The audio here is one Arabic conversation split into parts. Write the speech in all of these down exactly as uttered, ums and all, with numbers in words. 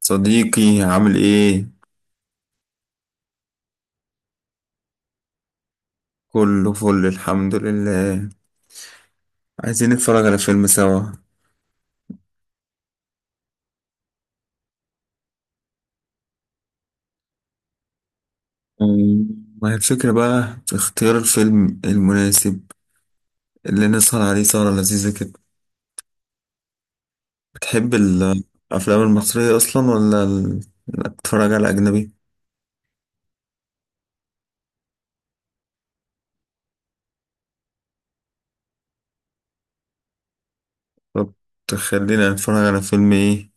صديقي عامل ايه؟ كله فل الحمد لله. عايزين نتفرج على فيلم سوا. أمم، ما هي الفكرة بقى في اختيار الفيلم المناسب اللي نسهر عليه سهرة لذيذة كده. بتحب ال- الأفلام المصرية أصلا، ولا ال- لا، بتتفرج على أجنبي؟ طب تخلينا نتفرج على فيلم ايه؟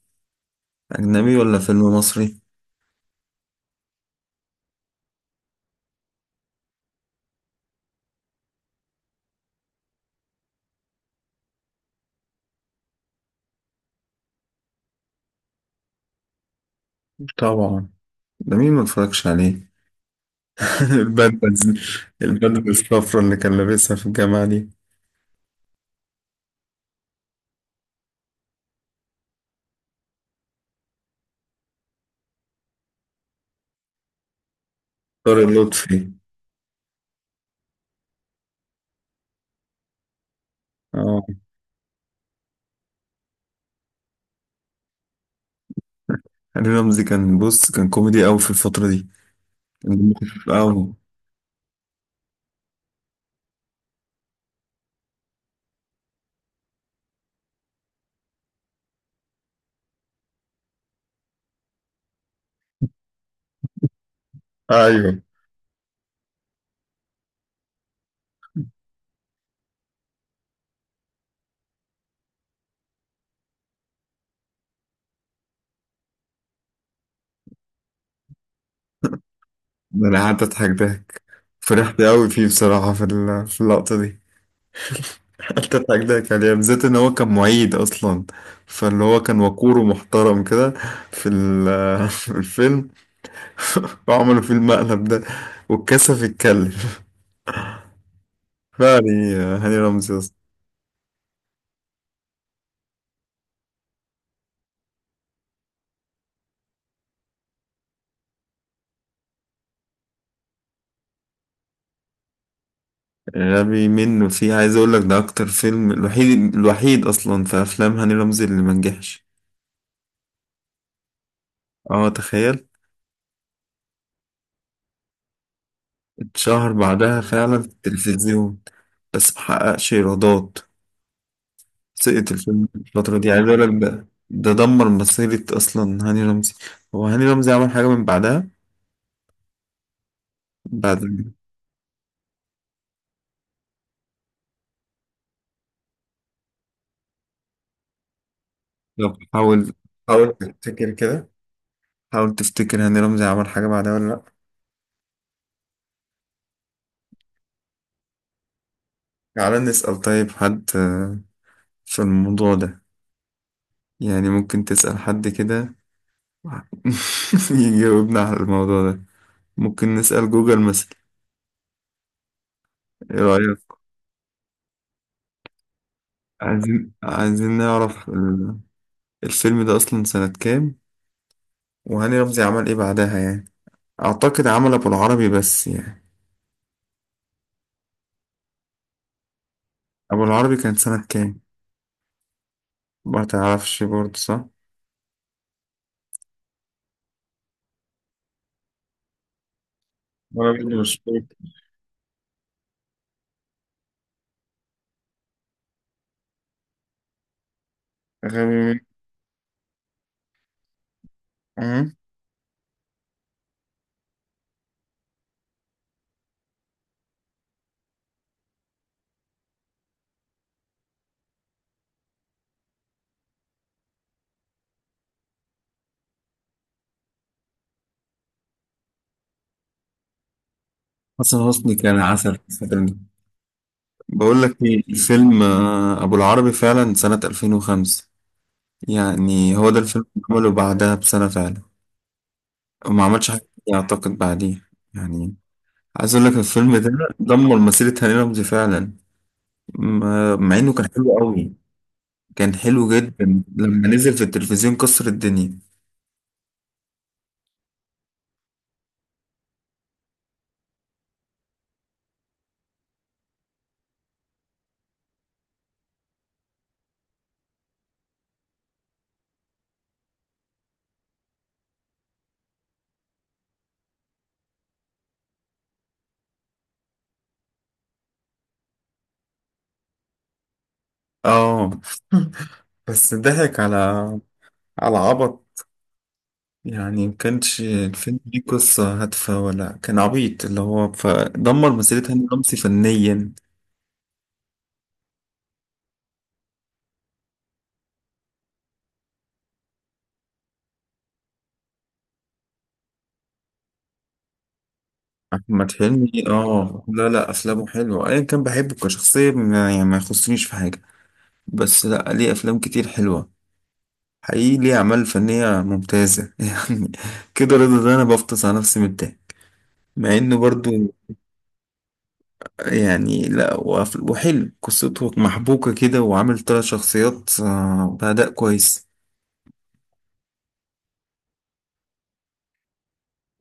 أجنبي ولا فيلم مصري؟ طبعا، ده مين ما اتفرجش عليه؟ البدلة. البدلة الصفرا اللي كان لابسها في الجامعة دي. طارق لطفي. اه. هاني رمزي كان بص كان كوميدي قوي في الفترة دي، كان مخفف قوي. ايوه ده. انا قعدت اضحك ضحك، فرحت قوي فيه بصراحة في ال- في اللقطة دي. قعدت اضحك ضحك عليه بالذات ان هو كان معيد اصلا، فاللي هو كان وقور ومحترم كده في ال- في الفيلم، وعملوا فيه المقلب ده واتكسف يتكلم. فعلا هاني رمزي اصلا. غبي منه فيه، عايز اقول لك ده اكتر فيلم، الوحيد الوحيد اصلا في افلام هاني رمزي اللي منجحش. اه تخيل. شهر بعدها فعلا في التلفزيون، بس محققش ايرادات. سقط الفيلم الفترة دي. عايز اقول لك، ده ده دمر مسيرة اصلا هاني رمزي. هو هاني رمزي عمل حاجة من بعدها، بعد؟ لو حاول، حاول تفتكر كده، حاول تفتكر هاني رمزي عمل حاجة بعدها ولا لأ. تعالى نسأل طيب حد آه، في الموضوع ده. يعني ممكن تسأل حد كده يجاوبنا على الموضوع ده. ممكن نسأل جوجل مثلا، ايه رأيك؟ عايزين عايزين نعرف الفيلم ده أصلا سنة كام، وهاني رمزي عمل إيه بعدها يعني. أعتقد عمل أبو العربي بس يعني. أبو العربي كان سنة كام؟ ما تعرفش برضه صح؟ ولا برضه مش فاكر. غبي منه. أه. حسن حسني كان عسل في الفيلم ده. بقول لك إيه، الفيلم آه، أبو العربي فعلا سنة ألفين وخمسة. يعني هو ده الفيلم اللي عمله بعدها بسنة فعلا. وما عملش حاجة تانية أعتقد بعديه يعني. عايز أقول لك، الفيلم ده دمر مسيرة هاني رمزي فعلا. م- مع إنه كان حلو قوي. كان حلو جدا لما نزل في التلفزيون، كسر الدنيا. اه. بس ضحك على على عبط. يعني ما كانش الفيلم ليه قصة هادفة، ولا كان عبيط اللي هو فدمر مسيرة هاني رمزي فنيا. أحمد حلمي، اه، لا لا، أفلامه حلوة، أيا كان بحبه كشخصية ما- يعني ما يخصنيش في حاجة. بس لا، ليه أفلام كتير حلوة، حقيقي ليه أعمال فنية ممتازة يعني. كده رضا، ده أنا بفطس على نفسي من الضحك مع إنه برضو يعني. لا وقف- وحلو، قصته محبوكة كده، وعامل تلات شخصيات آه، بأداء كويس.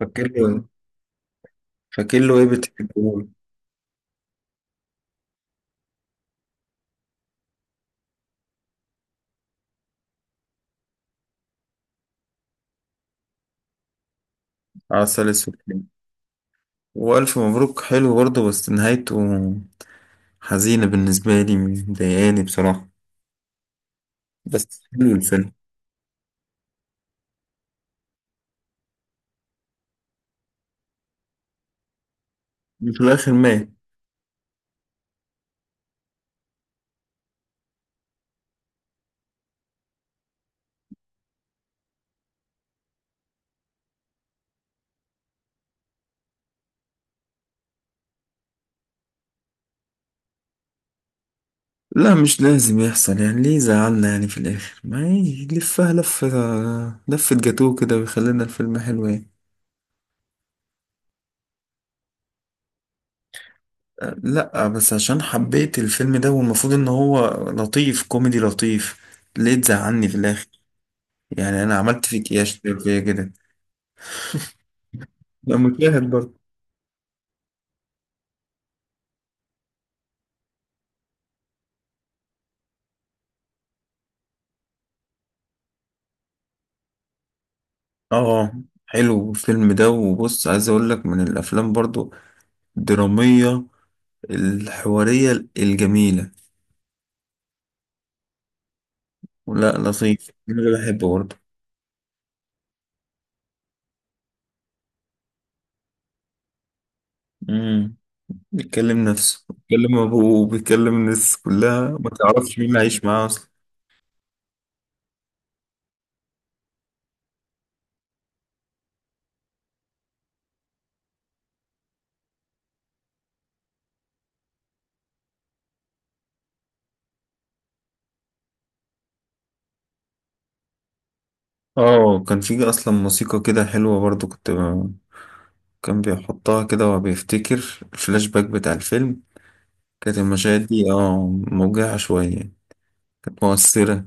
فاكر له ايه؟ فاكر له ايه بتحبه عسل اسود حلو. وألف مبروك حلو برضه بس نهايته حزينة بالنسبة لي مضايقاني بصراحة بس حلو الفيلم في الآخر مات لا مش لازم يحصل يعني ليه زعلنا يعني في الآخر ما يلفها لفة آه، لفة جاتوه كده ويخلينا الفيلم حلو يعني. لا بس عشان حبيت الفيلم ده، والمفروض ان هو لطيف، كوميدي لطيف، ليه تزعلني في الاخر؟ يعني انا عملت فيك ايه عشان تعمل فيا كده؟ ده مشاهد برضه. اه. حلو الفيلم ده. وبص، عايز اقول لك، من الافلام برضو الدرامية الحوارية الجميلة. لا لطيف، انا بحبه برضو. امم بيتكلم نفسه، بيتكلم ابوه، بيتكلم الناس كلها، ما تعرفش مين اللي عايش معاه اصلا. اه، كان في اصلا موسيقى كده حلوة برضو، كنت كان بيحطها كده وهو بيفتكر، الفلاش باك بتاع الفيلم. كانت المشاهد دي، اه، موجعة شوية، كانت مؤثرة.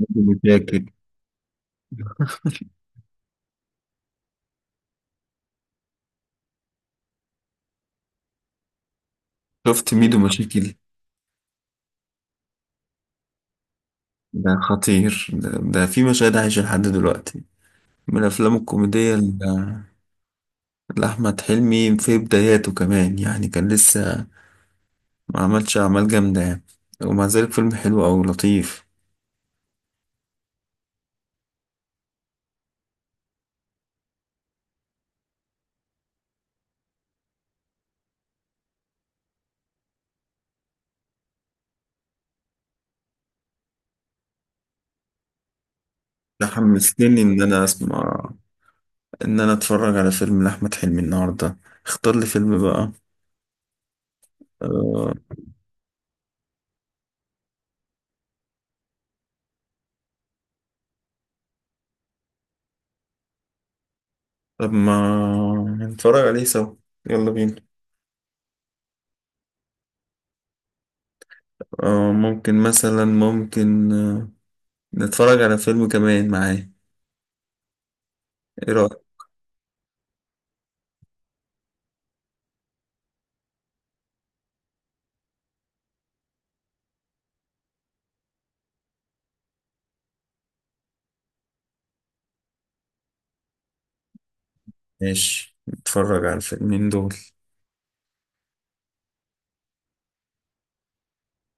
ميدو مشاكل. شفت ميدو مشاكل؟ ده خطير ده، ده في مشاهد عايشة لحد دلوقتي. من الأفلام الكوميدية ال- لأحمد حلمي في بداياته كمان يعني، كان لسه ما عملش أعمال جامدة يعني، ومع ذلك فيلم حلو أوي لطيف. ده حمستني إن أنا أسمع، إن أنا أتفرج على فيلم لأحمد حلمي النهاردة. اختار لي فيلم بقى آه، طب ما نتفرج عليه سوا، يلا بينا. آه ممكن مثلا، ممكن آه نتفرج على فيلم كمان معاه، ايه رأيك؟ ماشي نتفرج على الفيلمين دول.